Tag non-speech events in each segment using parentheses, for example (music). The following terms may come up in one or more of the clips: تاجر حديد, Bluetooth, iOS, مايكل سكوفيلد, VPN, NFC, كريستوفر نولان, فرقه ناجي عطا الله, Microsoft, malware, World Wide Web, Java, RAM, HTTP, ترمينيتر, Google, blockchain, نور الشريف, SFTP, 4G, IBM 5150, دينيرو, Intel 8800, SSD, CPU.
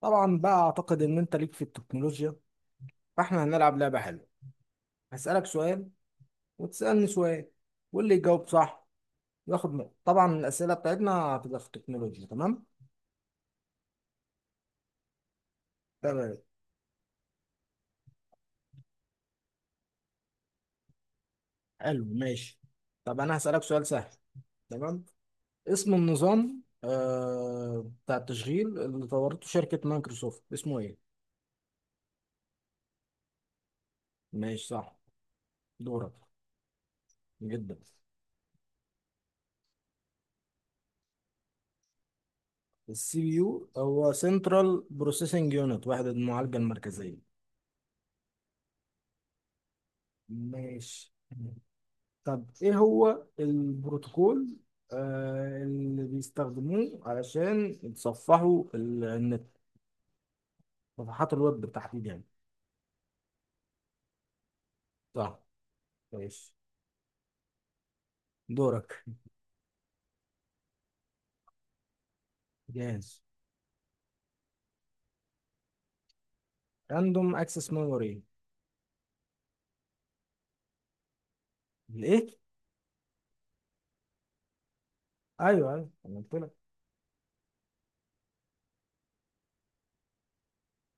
طبعا بقى اعتقد ان انت ليك في التكنولوجيا، فاحنا هنلعب لعبة حلوة. هسألك سؤال وتسألني سؤال، واللي يجاوب صح ياخد نقطة. طبعا الأسئلة بتاعتنا هتبقى في التكنولوجيا. تمام. تمام. حلو، ماشي. طب انا هسألك سؤال سهل. تمام. اسم النظام بتاع التشغيل اللي طورته شركة مايكروسوفت اسمه ايه؟ ماشي، صح. دورك. جدا. السي بي يو هو سنترال بروسيسنج يونت، وحدة المعالجة المركزية. ماشي. طب ايه هو البروتوكول اللي بيستخدموه علشان يتصفحوا النت؟ صفحات الويب بالتحديد يعني. صح. ماشي. دورك. جاهز. راندوم اكسس ميموري. الايه؟ ايوه ايوه، أنا قلت لك.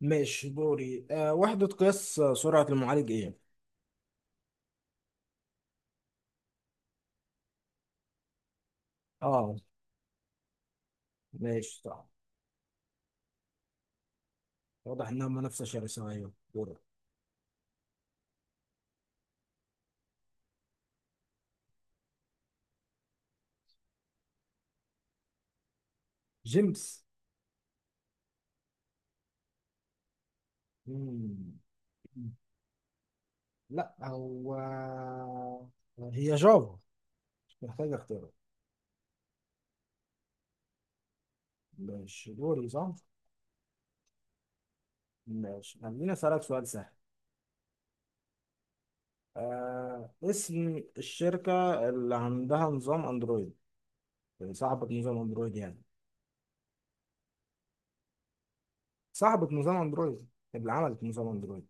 ماشي، دوري. وحدة قياس سرعة المعالج ايه؟ اه. ماشي، صح. واضح انها منافسة شرسة. ايوه، دورك. جيمس. مم. لا هو، هي جافا. مش محتاج اختيارات. ماشي، دوري صح؟ ماشي، خليني أسألك سؤال سهل. اسم الشركة اللي عندها نظام أندرويد. اللي صاحبة نظام أندرويد يعني. صاحبة نظام أندرويد. اللي عملت نظام أندرويد.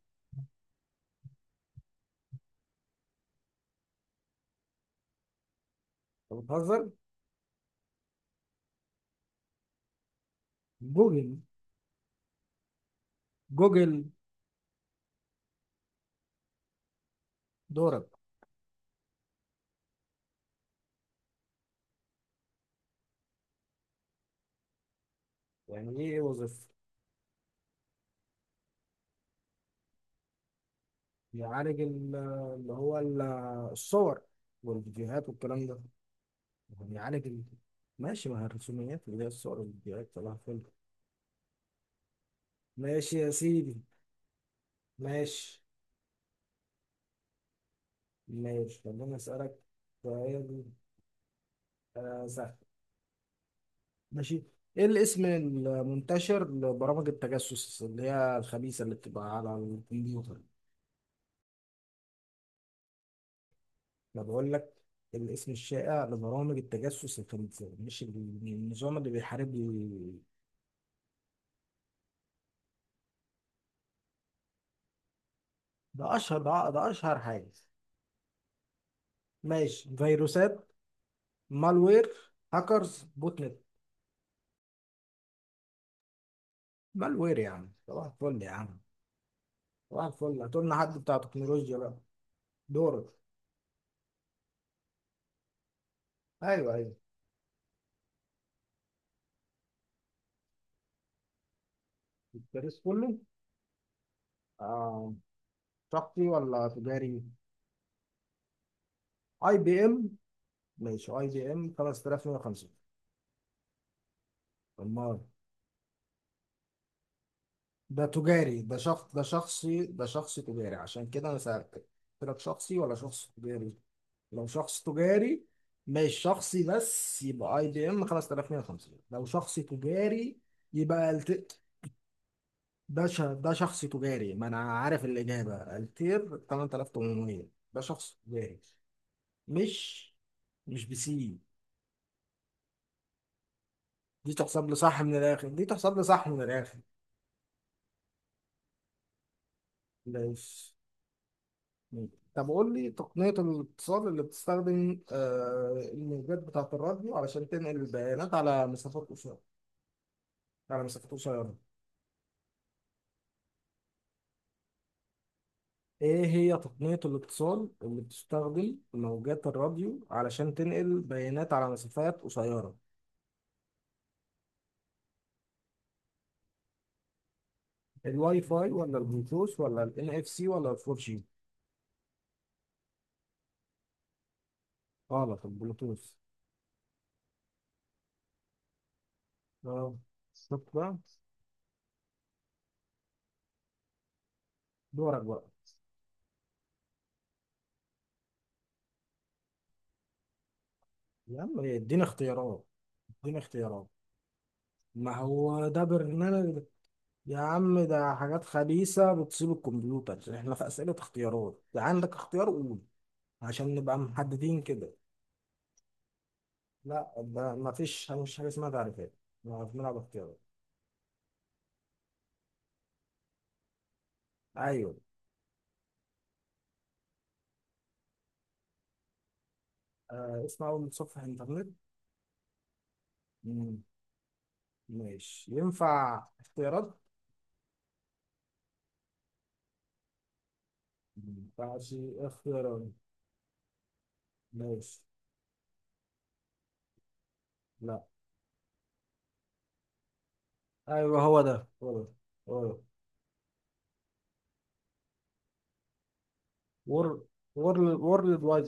أنت بتهزر؟ جوجل. جوجل. دورك. يعني إيه وظيفة؟ بيعالج اللي هو الصور والفيديوهات والكلام ده. بيعالج. ماشي، مع الرسوميات اللي هي الصور والفيديوهات، طلع فيلم. ماشي يا سيدي. ماشي. ماشي، خليني أسألك سؤال سهل. ماشي. إيه الاسم المنتشر لبرامج التجسس اللي هي الخبيثة اللي بتبقى على الكمبيوتر؟ أنا بقول لك، الاسم الشائع لبرامج التجسس الخبيثة، مش النظام اللي بيحارب. ده أشهر، ده أشهر حاجة. ماشي، فيروسات، مالوير، هاكرز، بوت نت. مالوير يعني، صباح الفل يا عم. صباح الفل، هتقولنا حد بتاع تكنولوجيا بقى. دورك. أيوه أيوه. التاريخ كله. آه، شخصي ولا تجاري؟ اي بي ام. ماشي، اي بي ام 5150. امال؟ ده تجاري، ده شخص، ده شخصي، ده شخص تجاري عشان كده انا سألتك. قلت لك شخصي ولا شخص تجاري. لو شخص تجاري. ماشي شخصي بس يبقى اي بي ام 5150، لو شخص تجاري يبقى. ده شخص تجاري، ما انا عارف الاجابه، التير 8800. ده شخص تجاري. مش مش بسي. دي تحسب لي صح من الاخر، دي تحسب لي صح من الاخر. ماشي. طب قول لي تقنية الاتصال اللي بتستخدم الموجات بتاعة الراديو علشان تنقل البيانات على مسافات قصيرة، على مسافات قصيرة. ايه هي تقنية الاتصال اللي بتستخدم موجات الراديو علشان تنقل بيانات على مسافات قصيرة؟ الواي فاي ولا البلوتوث ولا الان اف سي ولا الفور جي؟ غلط، البلوتوث. اه. شوف بقى. دورك بقى. يا عم اديني اختيارات. اديني اختيارات. ما هو ده برنامج. يا عم ده حاجات خبيثة بتصيب الكمبيوتر، احنا في أسئلة اختيارات، ده عندك اختيار قول، عشان نبقى محددين كده. لا ده ما فيش، مش حاجة اسمها تعريفات. ما بنلعب اختيارات. أيوه. اسمع أول صفحة إنترنت. مم. ماشي، ينفع اختيارات؟ ما ينفعش اختيارات. ماشي. لا. أيوه هو ده، هو ده، هو ده. وورلد وورلد وايد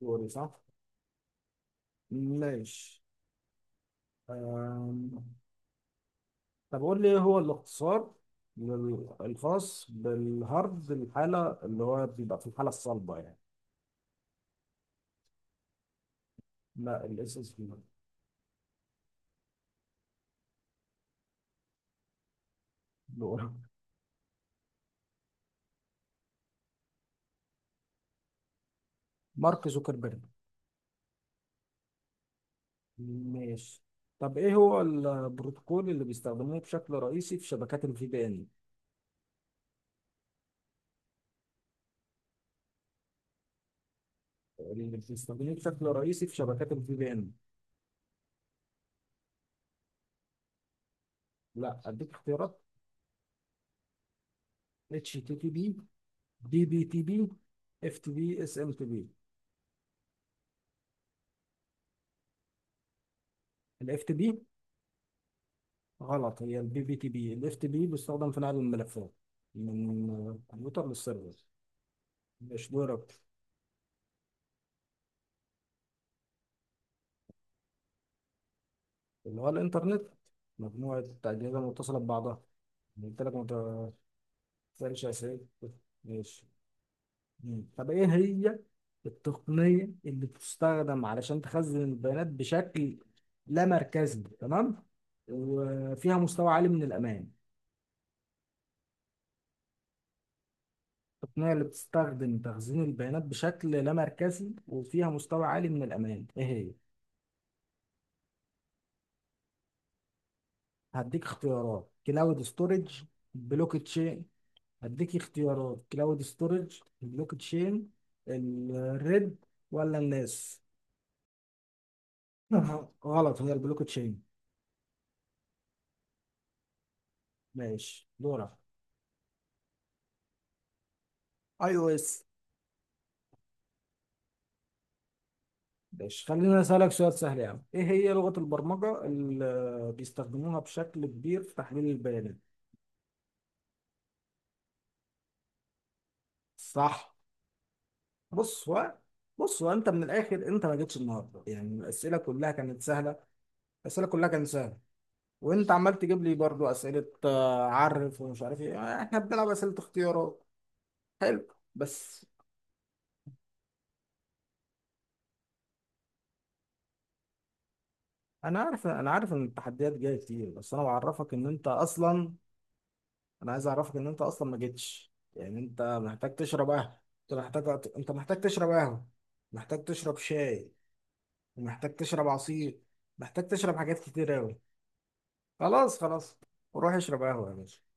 ويب، صح؟ ماشي. آه. طب قول لي ايه هو الاختصار الخاص بالهارد الحالة، اللي هو بيبقى في الحالة الصلبة يعني. لا، الاس اس بي. مارك زوكربيرج. ماشي. طب ايه هو البروتوكول اللي بيستخدموه بشكل رئيسي في شبكات الفي بي ان، اللي بيستخدموه بشكل رئيسي في شبكات الفي بي ان؟ لا اديك اختيارات. اتش تي تي بي، دي بي تي بي، اف تي بي، اس ام تي بي. الاف تي بي. غلط، هي البي بي تي بي، الاف تي بي بيستخدم في نقل الملفات من الكمبيوتر للسيرفر، مش دايركت. اللي هو الانترنت، مجموعة أجهزة متصلة ببعضها. يعني قلت لك ما تسألش أسئلة. ماشي. مم. طب إيه هي التقنية اللي بتستخدم علشان تخزن البيانات بشكل لا مركزي، تمام، وفيها مستوى عالي من الأمان. التقنية اللي بتستخدم تخزين البيانات بشكل لا مركزي وفيها مستوى عالي من الأمان، إيه هي؟ هديك اختيارات، كلاود ستورج، بلوك تشين. هديك اختيارات، كلاود ستورج، البلوك تشين، الريد، ولا الناس؟ (laughs) غلط، هي البلوك تشين. ماشي، دورك. اي او اس. ماشي، خلينا اسالك سؤال سهل يعني، ايه هي لغة البرمجة اللي بيستخدموها بشكل كبير في تحليل البيانات؟ صح. بص هو بص هو انت من الاخر، انت ما جيتش النهارده يعني، الاسئله كلها كانت سهله. الاسئله كلها كانت سهله. وانت عمال تجيب لي برضو اسئله عرف ومش عارف ايه، احنا بنلعب اسئله اختيارات. حلو، بس. انا عارف ان التحديات جايه كتير، بس انا بعرفك ان انت اصلا. انا عايز اعرفك ان انت اصلا ما جيتش يعني. انت محتاج تشرب قهوه. انت محتاج تشرب قهوه. محتاج تشرب شاي، ومحتاج تشرب عصير، محتاج تشرب حاجات كتير قوي. خلاص، خلاص. روح اشرب قهوه يا باشا.